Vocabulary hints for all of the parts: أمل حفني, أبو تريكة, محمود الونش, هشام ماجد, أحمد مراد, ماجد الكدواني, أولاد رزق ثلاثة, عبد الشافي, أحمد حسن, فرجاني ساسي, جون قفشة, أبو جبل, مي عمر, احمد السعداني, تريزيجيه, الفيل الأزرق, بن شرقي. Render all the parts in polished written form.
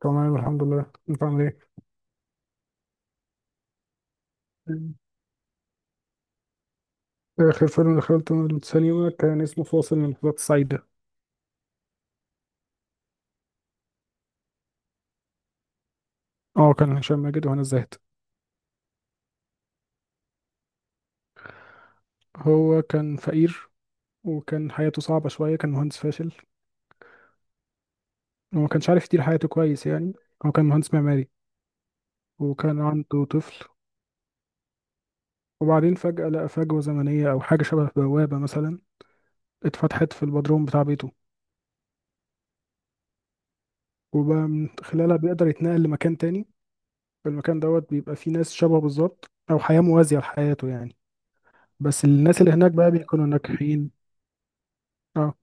تمام الحمد لله، انت عامل ايه؟ مم. اخر فيلم دخلته السينما كان اسمه فاصل من اللحظات السعيده. اه، كان هشام ماجد وهنا الزاهد. هو كان فقير، وكان حياته صعبه شويه، كان مهندس فاشل وما كانش عارف يدير حياته كويس يعني. هو كان مهندس معماري وكان عنده طفل. وبعدين فجاه لقى فجوه زمنيه او حاجه شبه بوابه مثلا اتفتحت في البدروم بتاع بيته، وبقى من خلالها بيقدر يتنقل لمكان تاني. المكان دوت بيبقى فيه ناس شبهه بالظبط، او حياه موازيه لحياته يعني. بس الناس اللي هناك بقى بيكونوا ناجحين. اه.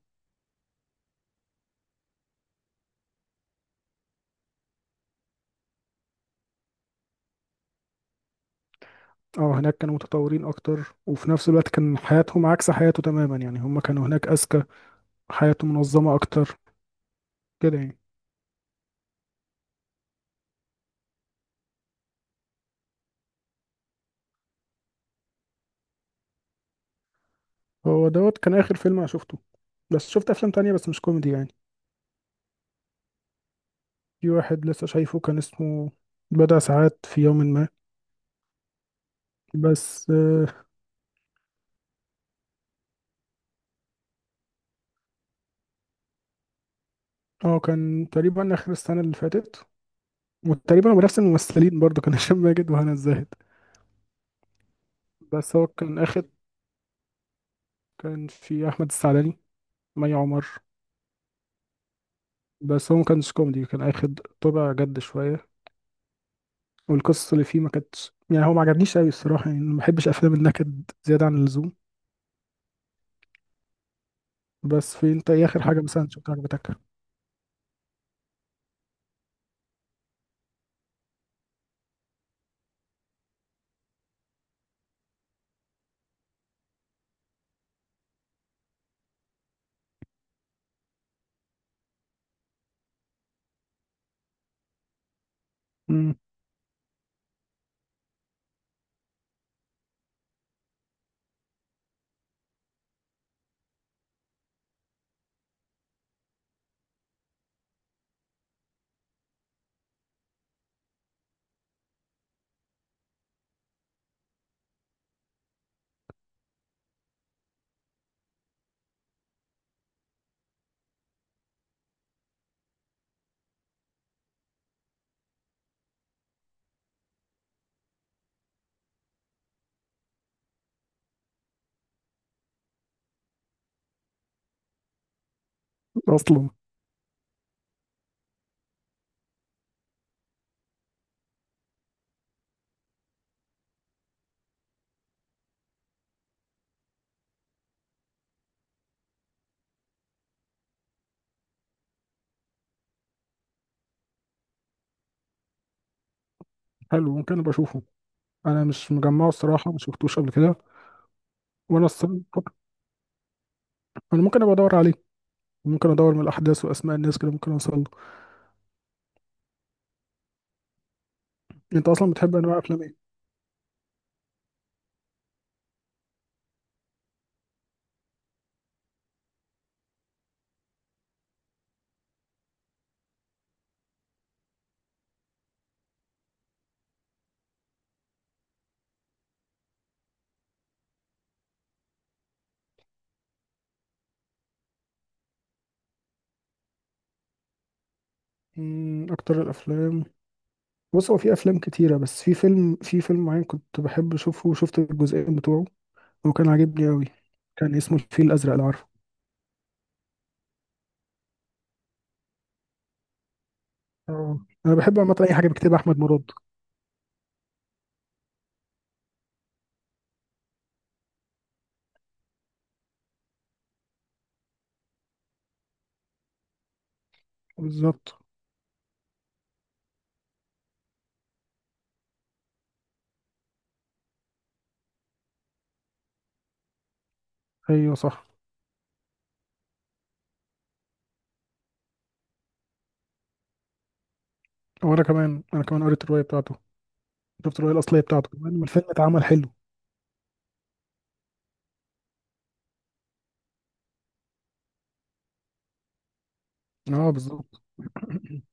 اه، هناك كانوا متطورين اكتر، وفي نفس الوقت كان حياتهم عكس حياته تماما يعني، هم كانوا هناك اذكى، حياته منظمة اكتر، كده يعني. هو دوت كان اخر فيلم انا شفته، بس شفت افلام تانية بس مش كوميدي يعني. في واحد لسه شايفه كان اسمه بضع ساعات في يوم ما. بس، اه. آه، كان تقريبا اخر السنة اللي فاتت، وتقريبا هو بنفس الممثلين برضه، كان هشام ماجد وهنا الزاهد. بس هو كان اخر. كان في احمد السعداني، مي عمر. بس هو ما كانش كوميدي، كان اخد طابع جد شويه، والقصص اللي فيه ما كانتش، يعني هو ما عجبنيش قوي الصراحه يعني، ما بحبش افلام النكد زياده عن اللزوم. بس في، انت ايه اخر حاجه مثلا شفتها عجبتك؟ امم. اصلا. حلو، ممكن ابقى اشوفه. انا مش مجمعه الصراحه، ما شفتوش قبل كده. وانا الصراحه، انا ممكن ابقى ادور عليه، ممكن ادور من الاحداث واسماء الناس كده ممكن اوصل له. انت اصلا بتحب انواع افلام ايه؟ اكتر الافلام، بص هو في افلام كتيره، بس في فيلم معين كنت بحب اشوفه وشفت الجزئين بتوعه. هو كان عاجبني أوي، كان اسمه الفيل الأزرق لو عارفه. اه. أنا بحب عامة أي حاجة بيكتبها أحمد مراد. بالظبط. أيوه صح. وأنا كمان قريت الرواية بتاعته، شفت الرواية الأصلية بتاعته كمان، والفيلم اتعمل حلو. أه بالظبط.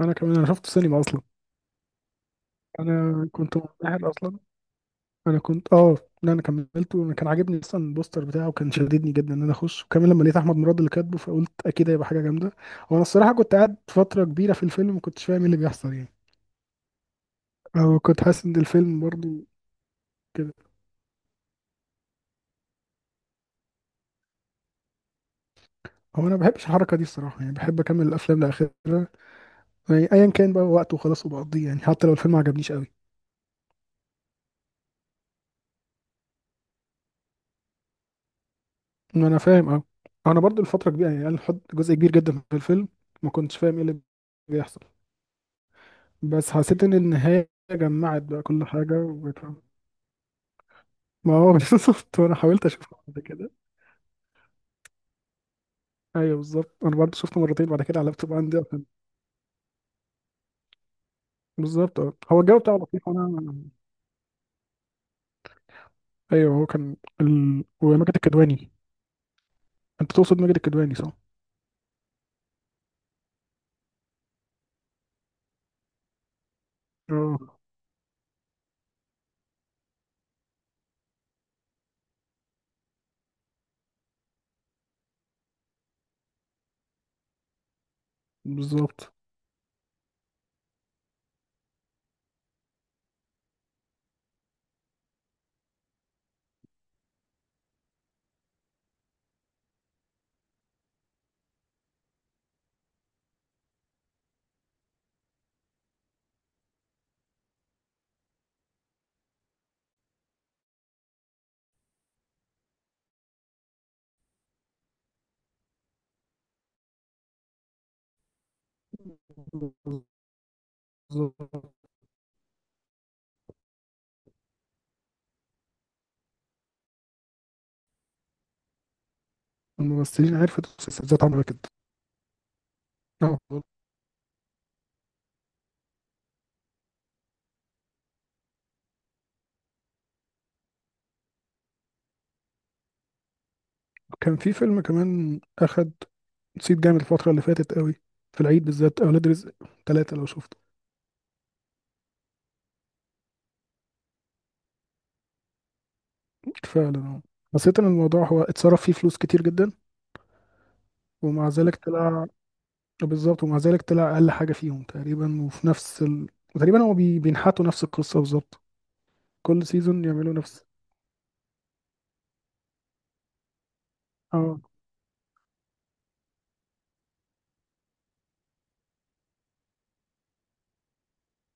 أنا كمان أنا شفته سينما أصلا. أنا كنت منبهر أصلا. أنا كنت أه لا، أنا كملته، أنا كان عاجبني أصلا البوستر بتاعه، وكان شددني جدا إن أنا أخش، وكمان لما لقيت أحمد مراد اللي كاتبه فقلت أكيد هيبقى حاجة جامدة. وأنا الصراحة كنت قاعد فترة كبيرة في الفيلم ما كنتش فاهم إيه اللي بيحصل يعني، أو كنت حاسس إن الفيلم برضه كده. هو انا ما بحبش الحركه دي الصراحه يعني، بحب اكمل الافلام لاخرها، يعني ايا كان بقى وقته، وخلاص وبقضيه يعني، حتى لو الفيلم ما عجبنيش قوي. انا فاهم، اه. انا برضو الفتره كبيره يعني، انا حط جزء كبير جدا في الفيلم ما كنتش فاهم ايه اللي بيحصل. بس حسيت ان النهايه جمعت بقى كل حاجه وبقيت فاهم. ما هو بالظبط، وانا حاولت اشوفه بعد كده. ايوه بالظبط، انا برضو شفته مرتين بعد كده على اللابتوب عندي عشان- بالظبط. اه، هو الجو بتاعه لطيف، وانا ايوه، هو كان وماجد الكدواني. انت تقصد ماجد الكدواني، صح؟ اه بالظبط. بالظبط. الممثلين عرفت السلسلة ذات عمرها كده. اه، كان في فيلم كمان أخد صيت جامد الفترة اللي فاتت قوي، في العيد بالذات، أولاد رزق ثلاثة لو شفته. فعلا اه. حسيت إن الموضوع هو اتصرف فيه فلوس كتير جدا، ومع ذلك طلع. بالظبط، ومع ذلك طلع أقل حاجة فيهم تقريبا، وفي نفس تقريبا هو بينحتوا نفس القصة بالظبط. كل سيزون يعملوا نفس. اه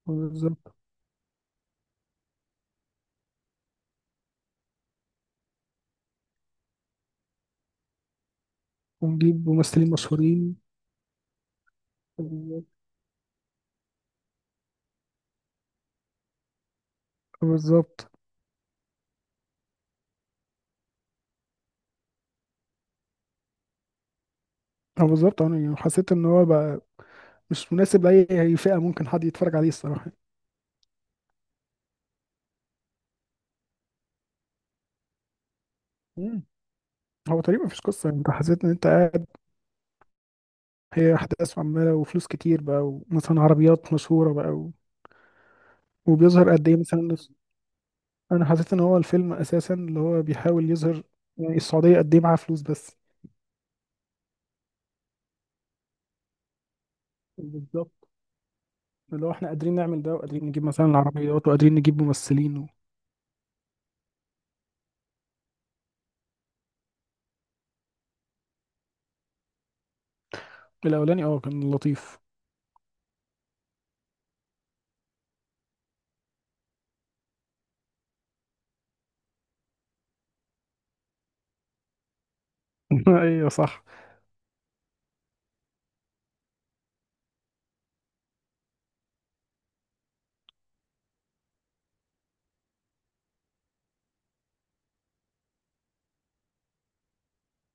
بالظبط، ونجيب ممثلين مشهورين. بالظبط. اه بالظبط، انا يعني حسيت ان هو بقى مش مناسب لأي أي فئة ممكن حد يتفرج عليه الصراحة. مم. هو تقريبا مفيش قصة يعني، انت حسيت ان انت قاعد- هي أحداث عمالة وفلوس كتير بقى، ومثلا عربيات مشهورة بقى وبيظهر قد ايه مثلا. انا حسيت ان هو الفيلم اساسا اللي هو بيحاول يظهر يعني السعودية قد ايه معاها فلوس بس. بالظبط، اللي هو احنا قادرين نعمل ده، وقادرين نجيب مثلا العربيات، وقادرين نجيب ممثلين الاولاني، اه كان لطيف. ايوه صح.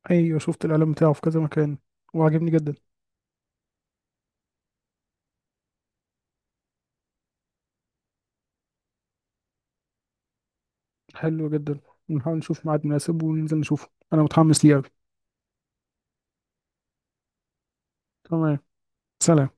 ايوه شفت الاعلان بتاعه في كذا مكان وعجبني جدا. حلو جدا، نحاول نشوف ميعاد مناسب وننزل نشوفه، انا متحمس ليه أوي. تمام، سلام.